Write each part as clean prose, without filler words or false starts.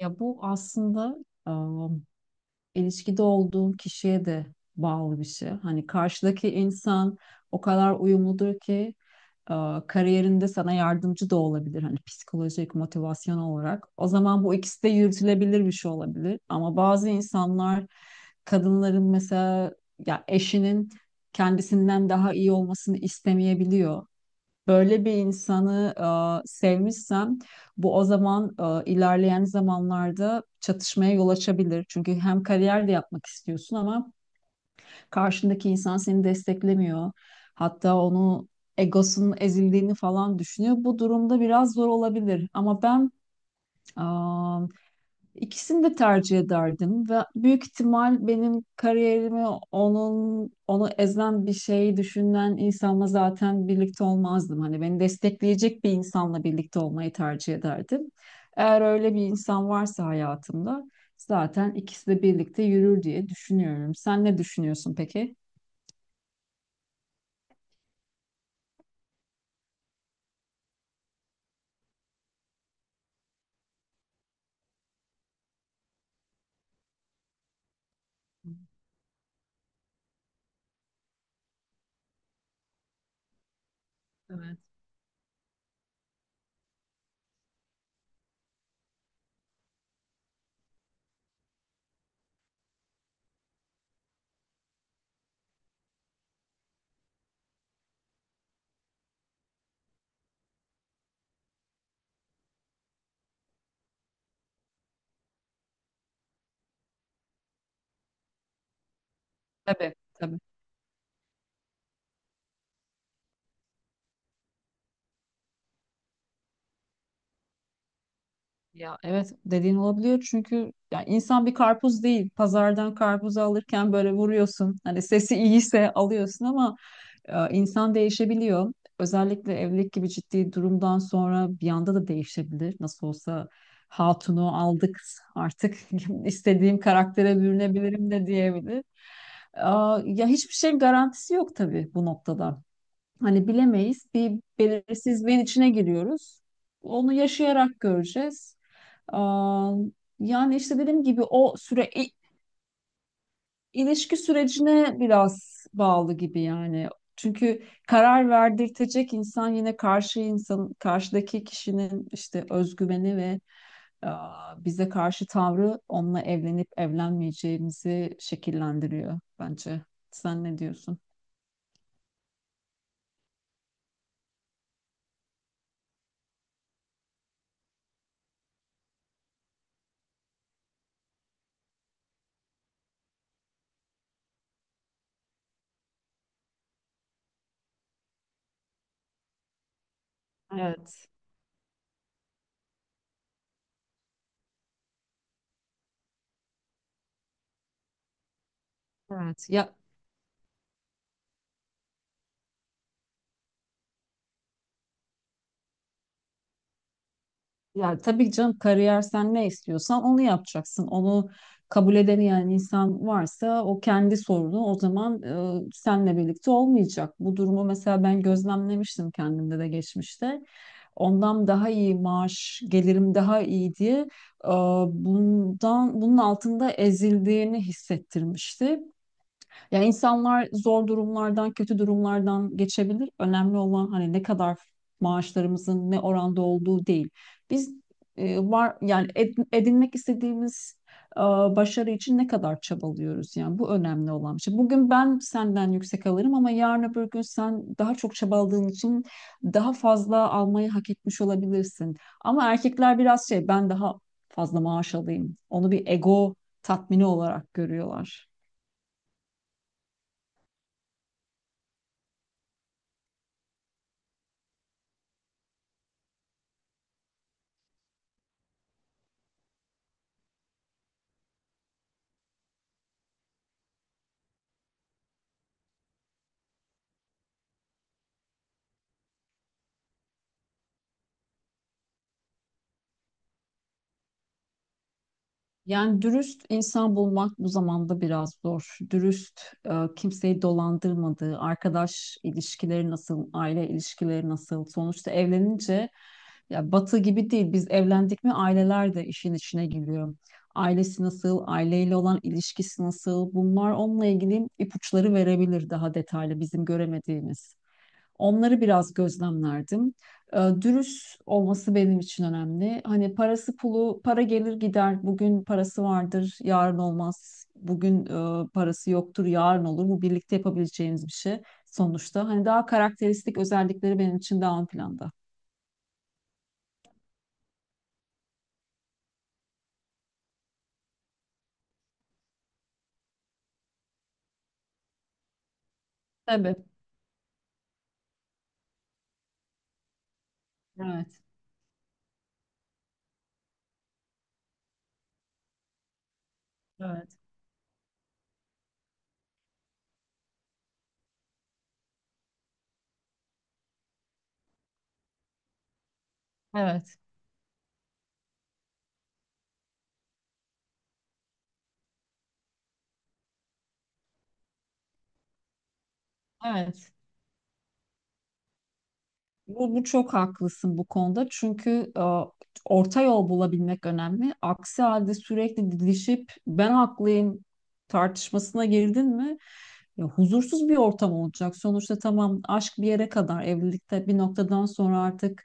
Ya bu aslında ım, ilişkide olduğun kişiye de bağlı bir şey. Hani karşıdaki insan o kadar uyumludur ki kariyerinde sana yardımcı da olabilir. Hani psikolojik, motivasyon olarak. O zaman bu ikisi de yürütülebilir bir şey olabilir. Ama bazı insanlar kadınların mesela ya eşinin kendisinden daha iyi olmasını istemeyebiliyor. Böyle bir insanı sevmişsem bu o zaman ilerleyen zamanlarda çatışmaya yol açabilir. Çünkü hem kariyer de yapmak istiyorsun ama karşındaki insan seni desteklemiyor. Hatta onu egosunun ezildiğini falan düşünüyor. Bu durumda biraz zor olabilir. Ama ben İkisini de tercih ederdim ve büyük ihtimal benim kariyerimi onu ezen bir şey düşünen insanla zaten birlikte olmazdım. Hani beni destekleyecek bir insanla birlikte olmayı tercih ederdim. Eğer öyle bir insan varsa hayatımda zaten ikisi de birlikte yürür diye düşünüyorum. Sen ne düşünüyorsun peki? Evet. Tabii, tabii. Ya evet dediğin olabiliyor çünkü ya insan bir karpuz değil. Pazardan karpuzu alırken böyle vuruyorsun. Hani sesi iyiyse alıyorsun ama İnsan değişebiliyor. Özellikle evlilik gibi ciddi durumdan sonra bir anda da değişebilir. Nasıl olsa hatunu aldık artık istediğim karaktere bürünebilirim de diyebilir. Ya hiçbir şeyin garantisi yok tabii bu noktada. Hani bilemeyiz. Bir belirsizliğin içine giriyoruz. Onu yaşayarak göreceğiz. Aa, Yani işte dediğim gibi o süre İlişki sürecine biraz bağlı gibi yani. Çünkü karar verdirtecek insan yine karşı insan, karşıdaki kişinin işte özgüveni ve bize karşı tavrı onunla evlenip evlenmeyeceğimizi şekillendiriyor bence. Sen ne diyorsun? Evet. Evet. Ya tabii ki canım kariyer sen ne istiyorsan onu yapacaksın. Onu kabul edemeyen insan varsa o kendi sorunu o zaman senle birlikte olmayacak. Bu durumu mesela ben gözlemlemiştim kendimde de geçmişte. Ondan daha iyi maaş, gelirim daha iyi diye e, bunun altında ezildiğini hissettirmişti. Ya insanlar zor durumlardan, kötü durumlardan geçebilir. Önemli olan hani ne kadar maaşlarımızın ne oranda olduğu değil. Biz edinmek istediğimiz e, başarı için ne kadar çabalıyoruz yani bu önemli olan bir şey. Bugün ben senden yüksek alırım ama yarın öbür gün sen daha çok çabaladığın için daha fazla almayı hak etmiş olabilirsin. Ama erkekler biraz şey ben daha fazla maaş alayım. Onu bir ego tatmini olarak görüyorlar. Yani dürüst insan bulmak bu zamanda biraz zor. Dürüst, e, kimseyi dolandırmadığı, arkadaş ilişkileri nasıl, aile ilişkileri nasıl? Sonuçta evlenince ya batı gibi değil. Biz evlendik mi aileler de işin içine giriyor. Ailesi nasıl, aileyle olan ilişkisi nasıl? Bunlar onunla ilgili ipuçları verebilir daha detaylı bizim göremediğimiz. Onları biraz gözlemlerdim. Dürüst olması benim için önemli. Hani parası pulu, para gelir gider. Bugün parası vardır, yarın olmaz. Bugün parası yoktur, yarın olur. Bu birlikte yapabileceğimiz bir şey sonuçta. Hani daha karakteristik özellikleri benim için daha ön planda. Tabii. Evet, evet. Evet. Evet. Bu çok haklısın bu konuda. Çünkü orta yol bulabilmek önemli. Aksi halde sürekli didişip ben haklıyım tartışmasına girdin mi ya, huzursuz bir ortam olacak. Sonuçta tamam aşk bir yere kadar evlilikte bir noktadan sonra artık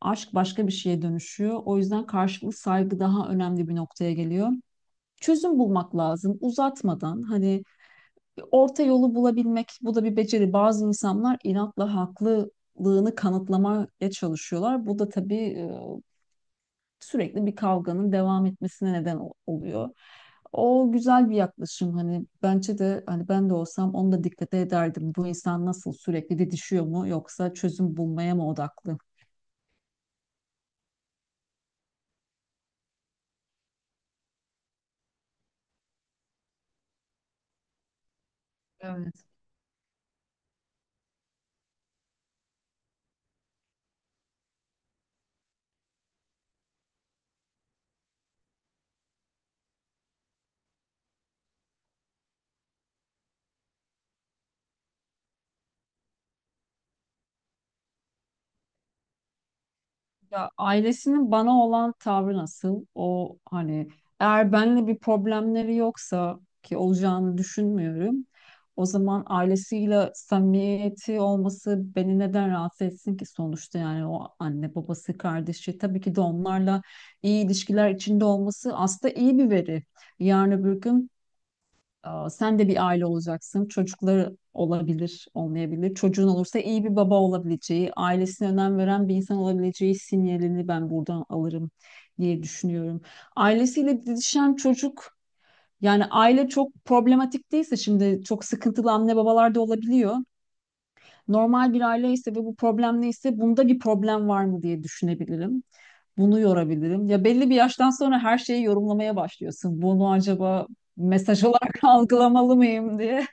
aşk başka bir şeye dönüşüyor. O yüzden karşılıklı saygı daha önemli bir noktaya geliyor. Çözüm bulmak lazım uzatmadan hani orta yolu bulabilmek bu da bir beceri. Bazı insanlar inatla haklılığını kanıtlamaya çalışıyorlar. Bu da tabii sürekli bir kavganın devam etmesine neden oluyor. O güzel bir yaklaşım hani bence de hani ben de olsam onu da dikkate ederdim. Bu insan nasıl sürekli didişiyor mu yoksa çözüm bulmaya mı odaklı? Evet. Ya ailesinin bana olan tavrı nasıl? O hani eğer benimle bir problemleri yoksa ki olacağını düşünmüyorum. O zaman ailesiyle samimiyeti olması beni neden rahatsız etsin ki sonuçta yani o anne babası kardeşi tabii ki de onlarla iyi ilişkiler içinde olması aslında iyi bir veri. Yarın öbür gün sen de bir aile olacaksın. Çocukları olabilir, olmayabilir. Çocuğun olursa iyi bir baba olabileceği, ailesine önem veren bir insan olabileceği sinyalini ben buradan alırım diye düşünüyorum. Ailesiyle didişen çocuk, yani aile çok problematik değilse şimdi çok sıkıntılı anne babalar da olabiliyor. Normal bir aile ise ve bu problem neyse bunda bir problem var mı diye düşünebilirim. Bunu yorabilirim. Ya belli bir yaştan sonra her şeyi yorumlamaya başlıyorsun. Bunu acaba mesaj olarak algılamalı mıyım diye.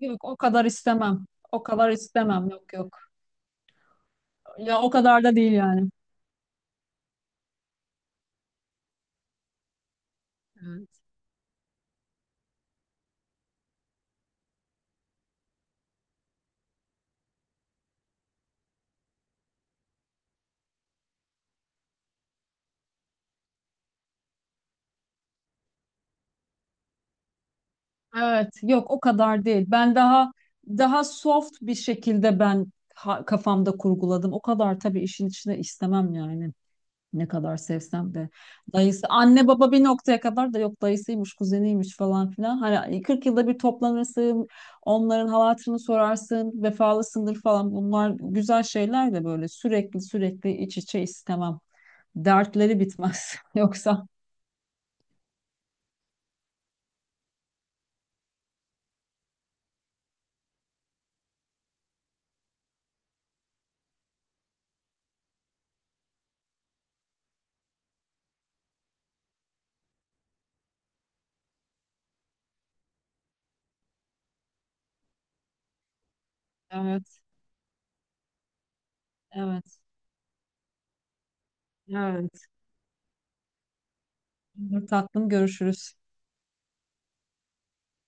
Yok o kadar istemem. O kadar istemem. Yok yok. Ya o kadar da değil yani. Evet, yok o kadar değil. Ben daha soft bir şekilde ben kafamda kurguladım. O kadar tabii işin içine istemem yani. Ne kadar sevsem de. Dayısı, anne baba bir noktaya kadar da yok dayısıymış, kuzeniymiş falan filan. Hani 40 yılda bir toplanırsın, onların hal hatırını sorarsın, vefalısındır falan. Bunlar güzel şeyler de böyle sürekli sürekli iç içe istemem. Dertleri bitmez. Yoksa evet, evet, evet. Olur tatlım görüşürüz.